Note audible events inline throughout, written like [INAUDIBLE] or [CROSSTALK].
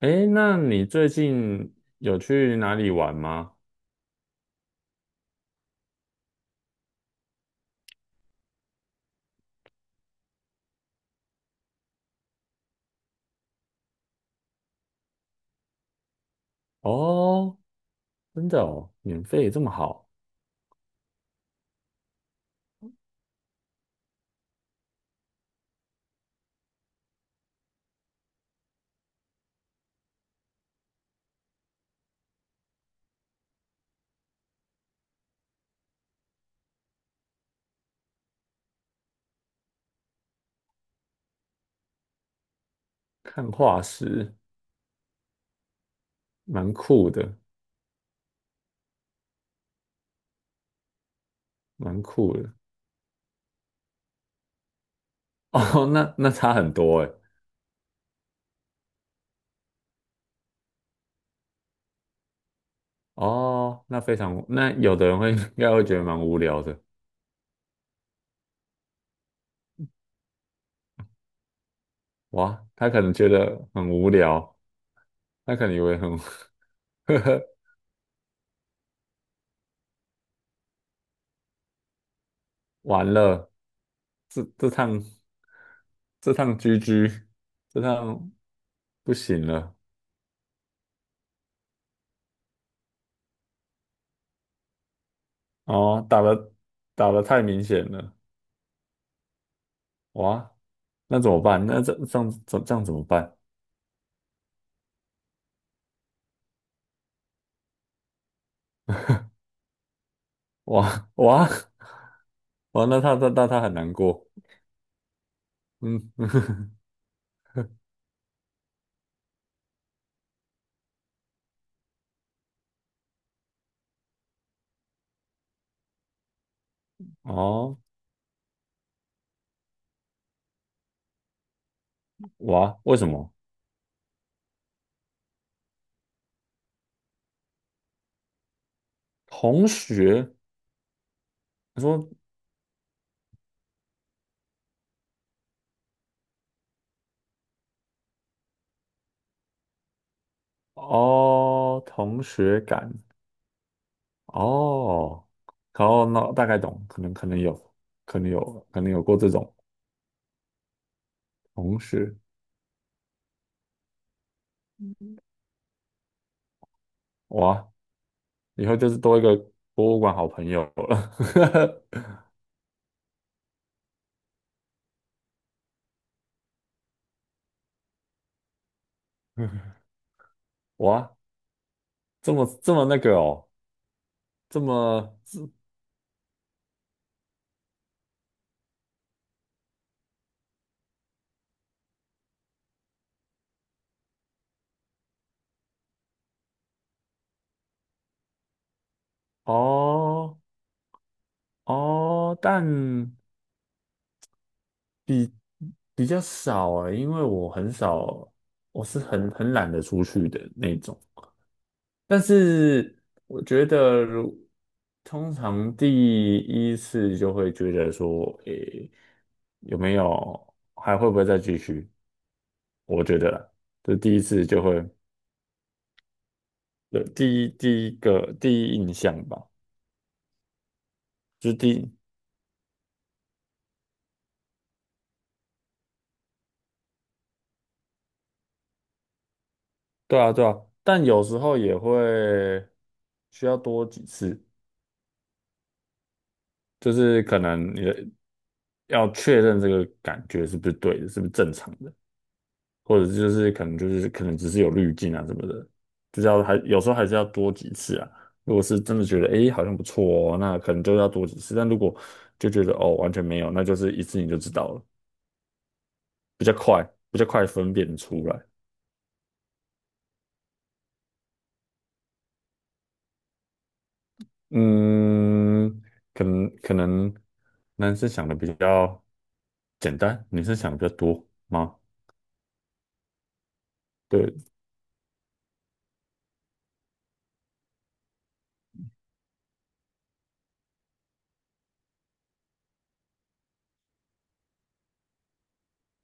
诶，那你最近有去哪里玩吗？哦，真的哦，免费这么好，看化石，蛮酷的，蛮酷的。[LAUGHS] 哦，那差很多诶。哦，那非常，那有的人会 [LAUGHS] 应该会觉得蛮无聊的。哇，他可能觉得很无聊，他可能以为很 [LAUGHS] 呵呵，[LAUGHS] 完了，这这趟这趟 GG,这趟不行了。哦，打的太明显了。哇，那怎么办？那这样怎么办？[LAUGHS] 哇哇哇，那他很难过。嗯，[LAUGHS] 哦，哇，为什么？同学，他说哦，同学感哦，然后那大概懂，可能有，过这种同学。哇，以后就是多一个博物馆好朋友了。[LAUGHS] 哇，这么那个哦，这么。哦哦，但比比较少啊，因为我很少，我是很懒得出去的那种。但是我觉得如，通常第一次就会觉得说，诶，有没有还会不会再继续？我觉得啦这第一次就会，对，第一印象吧。就是第，对啊，对啊，但有时候也会需要多几次，就是可能要确认这个感觉是不是对的，是不是正常的，或者就是可能只是有滤镜啊什么的，就是要还有时候还是要多几次啊。如果是真的觉得诶好像不错哦，那可能就要多几次，但如果就觉得哦完全没有，那就是一次你就知道了，比较快，比较快分辨出来。嗯，可能男生想的比较简单，女生想的比较多吗？对，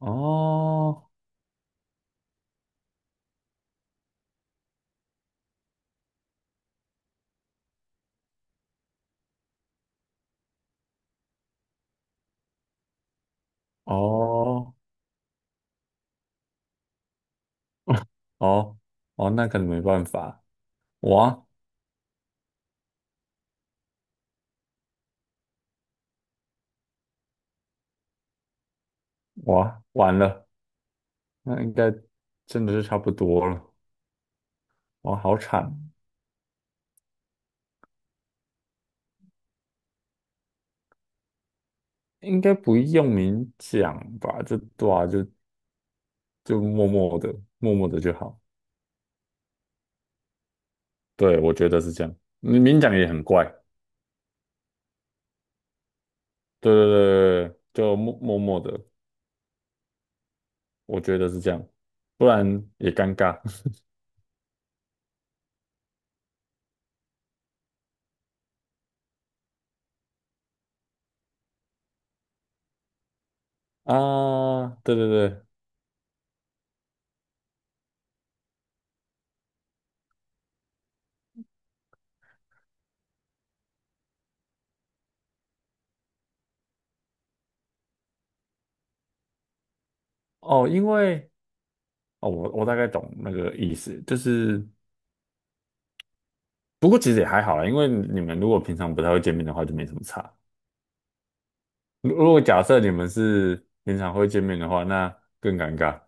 哦，哦哦哦，那可能没办法。我啊我啊完了，那应该真的是差不多了。哇，好惨，应该不用明讲吧？就对啊就默默的，默默的就好。对，我觉得是这样。你明讲也很怪。对对对对对，就默默的，我觉得是这样，不然也尴尬 [LAUGHS] 啊。对对对，哦，因为哦，我大概懂那个意思，就是。不过其实也还好啦，因为你们如果平常不太会见面的话，就没什么差。如果假设你们是平常会见面的话，那更尴尬。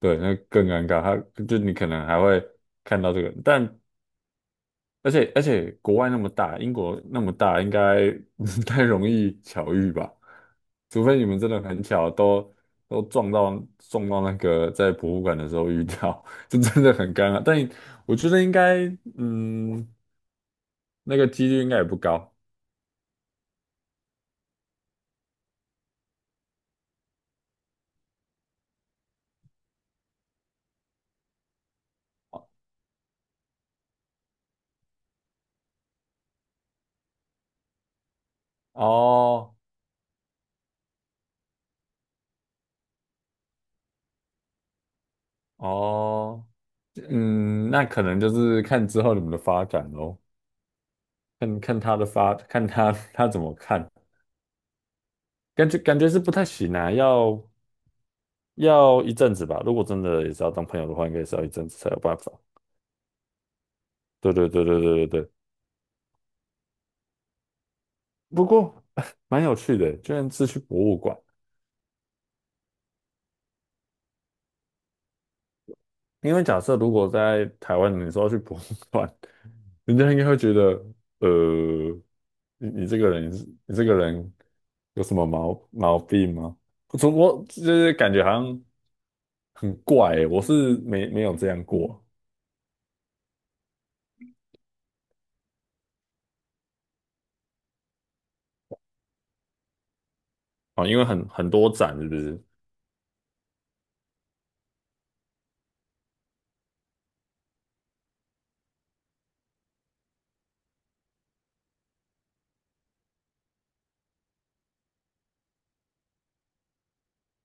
对，那更尴尬。他就你可能还会看到这个，但而且国外那么大，英国那么大，应该 [LAUGHS] 不太容易巧遇吧？除非你们真的很巧，都撞到那个在博物馆的时候遇到，[LAUGHS] 这真的很尴尬。但我觉得应该，嗯，那个几率应该也不高哦。哦，嗯，那可能就是看之后你们的发展咯，看他 [LAUGHS] 他怎么看，感觉是不太行啊，要一阵子吧。如果真的也是要当朋友的话，应该也是要一阵子才有办法。对对对对对对对。不过 [LAUGHS] 蛮有趣的，居然是去博物馆。因为假设如果在台湾，你说要去博物馆，人家应该会觉得，呃，你这个人是，你这个人有什么毛病吗？从我就是感觉好像很怪欸我是没有这样过啊，因为很多展是不是？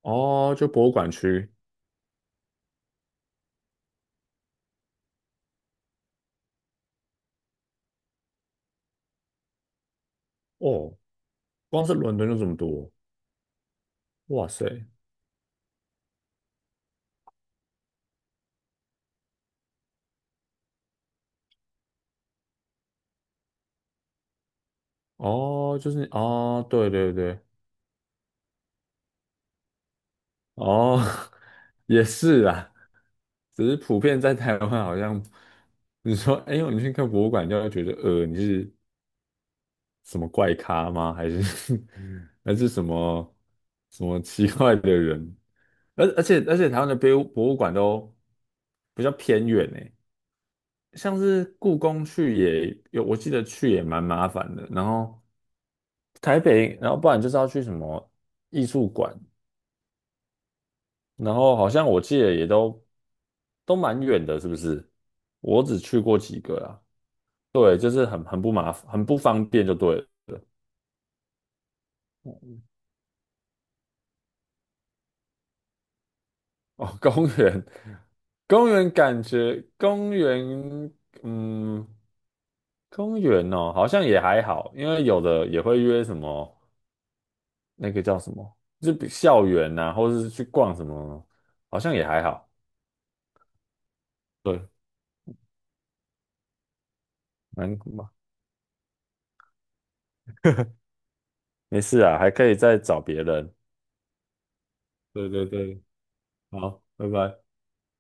哦，就博物馆区哦，光是伦敦就这么多，哇塞，哦，就是哦，对对对，哦，[LAUGHS] 也是啊，只是普遍在台湾好像，你说，哎呦，你去看博物馆，就会觉得，你是。什么怪咖吗？还是 [LAUGHS] 还是什么奇怪的人？而且台湾的博物馆都比较偏远呢，像是故宫去也有，我记得去也蛮麻烦的。然后台北，然后不然就是要去什么艺术馆，然后好像我记得也都蛮远的，是不是？我只去过几个啊，对，就是很不麻烦，很不方便就对了。哦，公园，公园感觉公园，嗯，公园哦，好像也还好，因为有的也会约什么那个叫什么，就比校园呐、或者是去逛什么，好像也还好。对，蛮没事啊，还可以再找别人。对对对，好，拜拜。